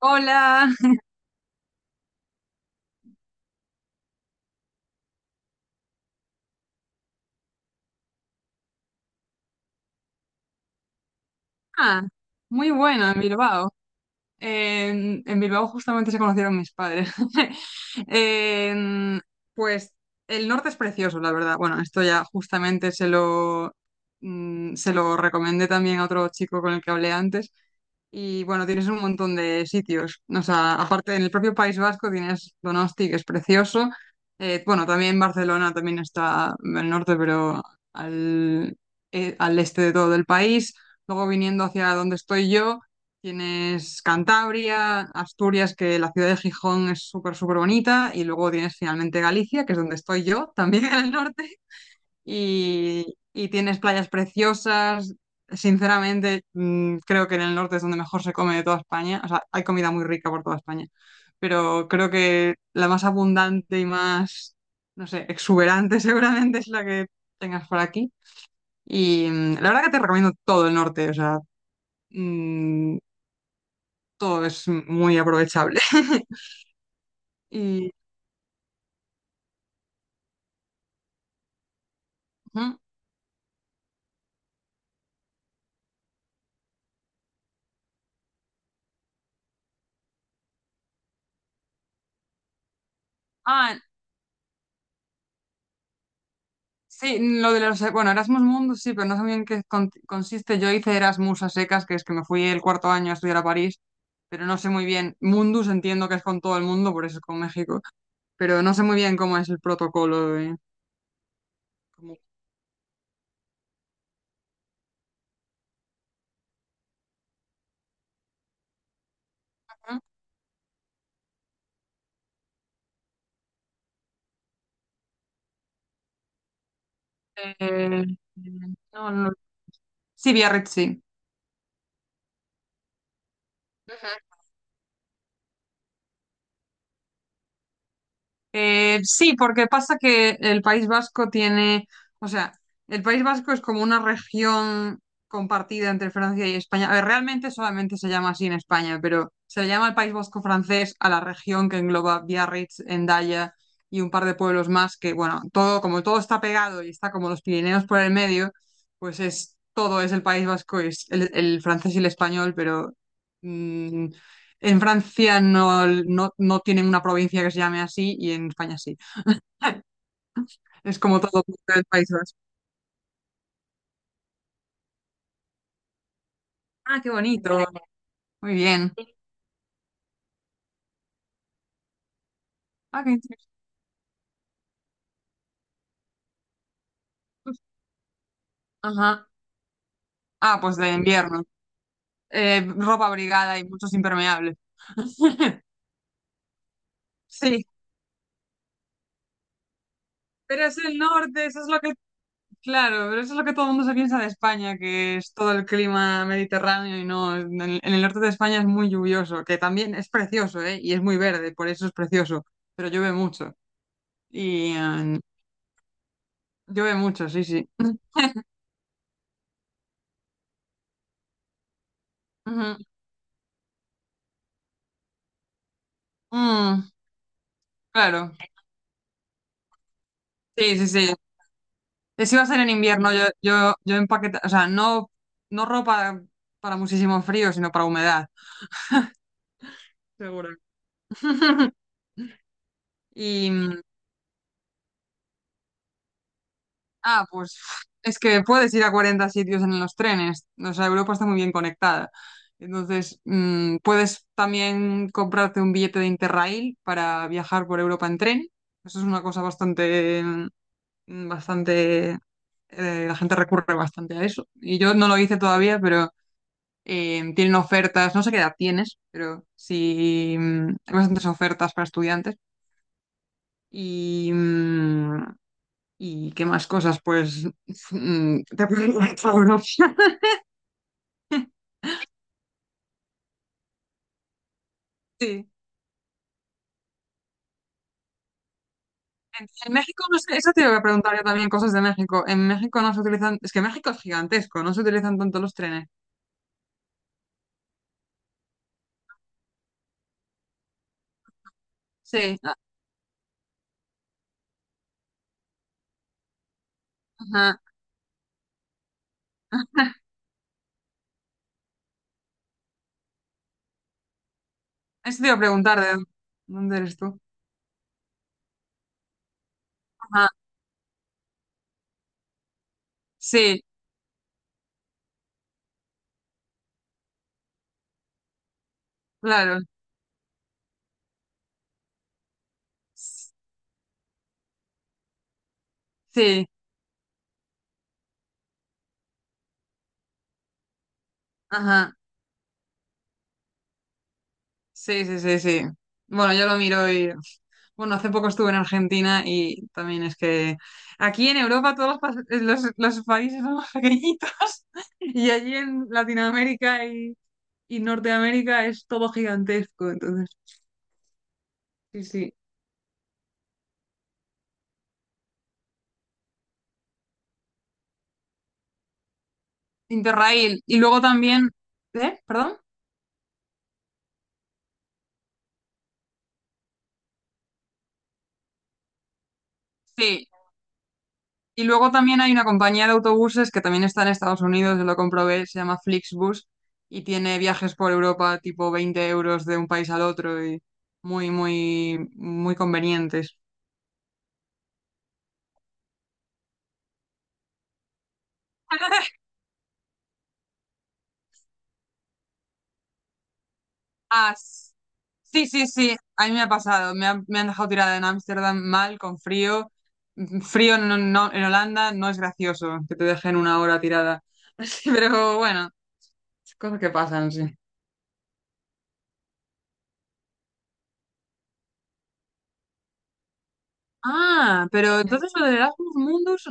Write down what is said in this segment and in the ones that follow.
Hola. Ah, muy bueno, en Bilbao. En Bilbao justamente se conocieron mis padres. En- pues el norte es precioso, la verdad. Bueno, esto ya justamente se lo recomendé también a otro chico con el que hablé antes. Y bueno, tienes un montón de sitios. O sea, aparte en el propio País Vasco tienes Donosti, que es precioso. Bueno, también Barcelona también está en el norte, pero al, al este de todo el país. Luego viniendo hacia donde estoy yo, tienes Cantabria, Asturias, que la ciudad de Gijón es súper, súper bonita. Y luego tienes finalmente Galicia, que es donde estoy yo, también en el norte y, y tienes playas preciosas. Sinceramente, creo que en el norte es donde mejor se come de toda España. O sea, hay comida muy rica por toda España, pero creo que la más abundante y más, no sé, exuberante seguramente es la que tengas por aquí. Y la verdad que te recomiendo todo el norte, o sea, mm, todo es muy aprovechable. Y, ujú. Ah, sí, lo de los, bueno, Erasmus Mundus sí, pero no sé muy bien qué consiste. Yo hice Erasmus a secas, que es que me fui el cuarto año a estudiar a París, pero no sé muy bien. Mundus entiendo que es con todo el mundo, por eso es con México, pero no sé muy bien cómo es el protocolo de... como- Eh, eh, no, no. Sí, Biarritz, sí. Sí, porque pasa que el País Vasco tiene, o sea, el País Vasco es como una región compartida entre Francia y España. A ver, realmente solamente se llama así en España, pero se le llama el País Vasco francés a la región que engloba Biarritz, Endaya y un par de pueblos más que, bueno, todo, como todo está pegado y está como los Pirineos por el medio, pues es todo es el País Vasco, es el francés y el español, pero mm, en Francia no tienen una provincia que se llame así y en España sí. Es como todo el País Vasco. Ah, qué bonito. Muy bien. Ah, qué interesante. Ajá. Ah, pues de invierno. Ropa abrigada y muchos impermeables. Sí, pero es el norte, eso es lo que, claro, pero eso es lo que todo el mundo se piensa de España, que es todo el clima mediterráneo y no, en en el norte de España es muy lluvioso, que también es precioso, ¿eh? Y es muy verde, por eso es precioso, pero llueve mucho. Y, eh, Llueve mucho, sí, sí. Ujú. Mm, claro, sí, sí, sí. Si va a ser en invierno, yo empaqueta, o sea, no, no ropa para muchísimo frío, sino para humedad. Seguro. Y, mm, ah, pues es que puedes ir a 40 sitios en los trenes. O sea, Europa está muy bien conectada. Entonces, puedes también comprarte un billete de Interrail para viajar por Europa en tren. Eso es una cosa bastante, la gente recurre bastante a eso. Y yo no lo hice todavía, pero tienen ofertas, no sé qué edad tienes, pero sí, hay bastantes ofertas para estudiantes. Y, mm, ¿Y qué más cosas? Pues te pueden ir a Europa. Sí. En México, no sé, eso te iba a preguntar yo también, cosas de México. En México no se utilizan, es que México es gigantesco, no se utilizan tanto los trenes. Sí, ajá. Eso te iba a preguntar, ¿de dónde eres tú? Ajá. Sí, claro, sí, ajá, sí, sí, sí, sí. Bueno, yo lo miro y, bueno, hace poco estuve en Argentina y también es que aquí en Europa todos los países son más pequeñitos y allí en Latinoamérica y Norteamérica es todo gigantesco, entonces, sí, sí. Interrail. Y luego también, ¿eh? ¿Perdón? Sí, y luego también hay una compañía de autobuses que también está en Estados Unidos, yo lo comprobé, se llama Flixbus y tiene viajes por Europa tipo 20 euros de un país al otro y muy, muy, muy convenientes. Ah, s- sí, sí, sí, a mí me ha pasado, me han dejado tirada en Ámsterdam mal, con frío. Frío en Holanda no es gracioso que te dejen una hora tirada. Pero bueno, cosas que pasan, sí. Ah, pero entonces lo de Erasmus Mundus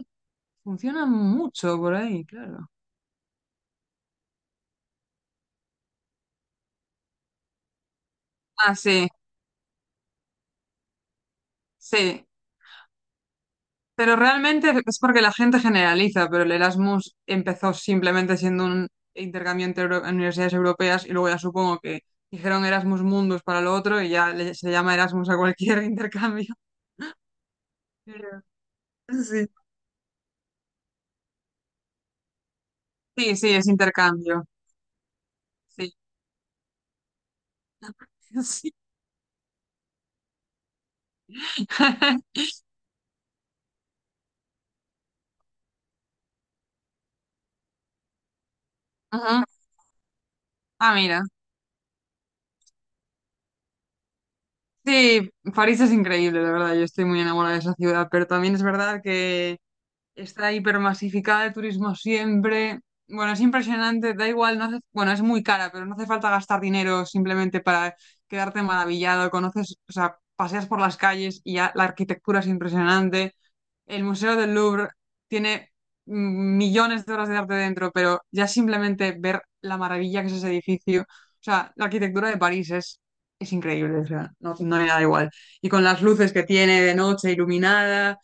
funciona mucho por ahí, claro. Ah, sí, sí. Pero realmente es porque la gente generaliza, pero el Erasmus empezó simplemente siendo un intercambio entre universidades europeas y luego ya supongo que dijeron Erasmus Mundus para lo otro y ya se llama Erasmus a cualquier intercambio. Pero- sí. Sí, sí, es intercambio. Sí. Sí. Ujú. Ah, mira. Sí, París es increíble, la verdad. Yo estoy muy enamorada de esa ciudad, pero también es verdad que está hipermasificada de turismo siempre. Bueno, es impresionante, da igual, no hace- bueno, es muy cara, pero no hace falta gastar dinero simplemente para quedarte maravillado. Conoces, o sea, paseas por las calles y ya la arquitectura es impresionante. El Museo del Louvre tiene millones de horas de arte dentro, pero ya simplemente ver la maravilla que es ese edificio, o sea, la arquitectura de París es increíble, o sea, no, no hay nada igual. Y con las luces que tiene de noche iluminada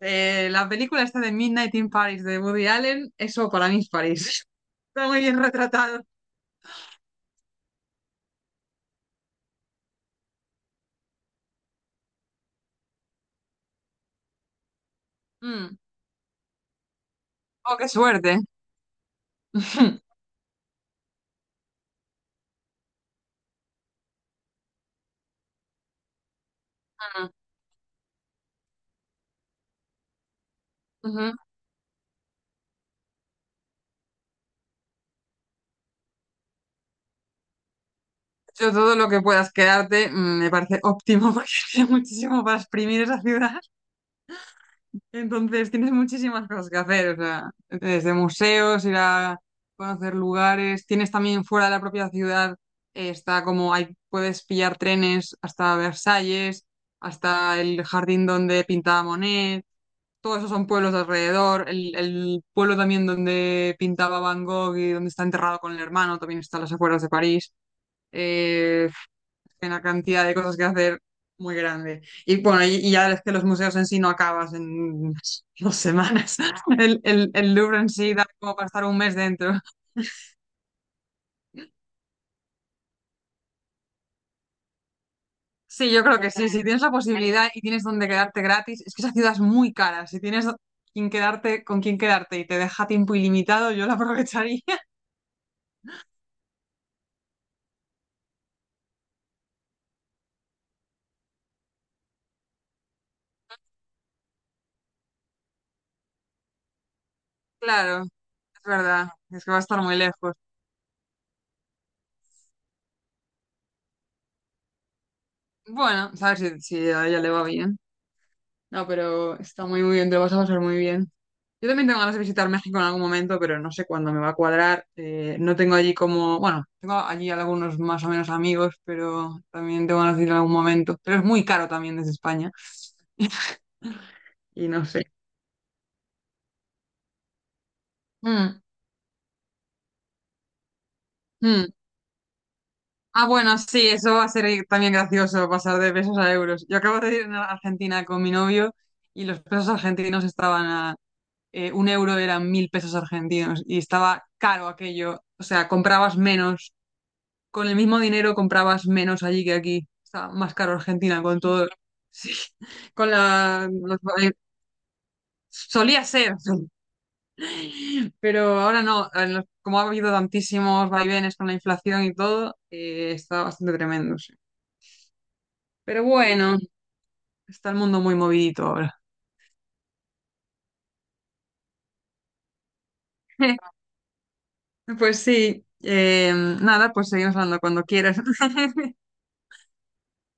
la película esta de Midnight in Paris de Woody Allen, eso para mí es París. Está muy bien retratado. Mm. Oh, qué suerte. Ujú. Yo todo lo que puedas quedarte me parece óptimo porque tiene muchísimo para exprimir esa ciudad. Entonces tienes muchísimas cosas que hacer, o sea, desde museos, ir a conocer lugares. Tienes también fuera de la propia ciudad, está como hay, puedes pillar trenes hasta Versalles, hasta el jardín donde pintaba Monet. Todos esos son pueblos de alrededor. El pueblo también donde pintaba Van Gogh y donde está enterrado con el hermano también está a las afueras de París. Eh, una cantidad de cosas que hacer muy grande. Y bueno, y ya es que los museos en sí no acabas en dos semanas. El Louvre en sí da como para estar un mes dentro. Sí, yo creo que sí. Si tienes la posibilidad y tienes donde quedarte gratis, es que esa ciudad es muy cara. Si tienes quien quedarte, con quien quedarte y te deja tiempo ilimitado, yo la aprovecharía. Claro. Es verdad, es que va a estar muy lejos. Bueno, sabes si, si a ella le va bien. No, pero está muy, muy bien, te lo vas a pasar muy bien. Yo también tengo ganas de visitar México en algún momento, pero no sé cuándo me va a cuadrar. No tengo allí como, bueno, tengo allí algunos más o menos amigos, pero también tengo ganas de ir en algún momento. Pero es muy caro también desde España. Y no sé. Mm, mm. Ah, bueno, sí, eso va a ser también gracioso, pasar de pesos a euros. Yo acabo de ir a Argentina con mi novio y los pesos argentinos estaban a un euro eran 1000 pesos argentinos y estaba caro aquello. O sea, comprabas menos. Con el mismo dinero comprabas menos allí que aquí. Está más caro Argentina con todo. Sí, con la. los- eh, solía ser, sí. Pero ahora no. Como ha habido tantísimos vaivenes con la inflación y todo, está bastante tremendo, sí. Pero bueno, está el mundo muy movidito ahora. Pues sí. Nada, pues seguimos hablando cuando quieras.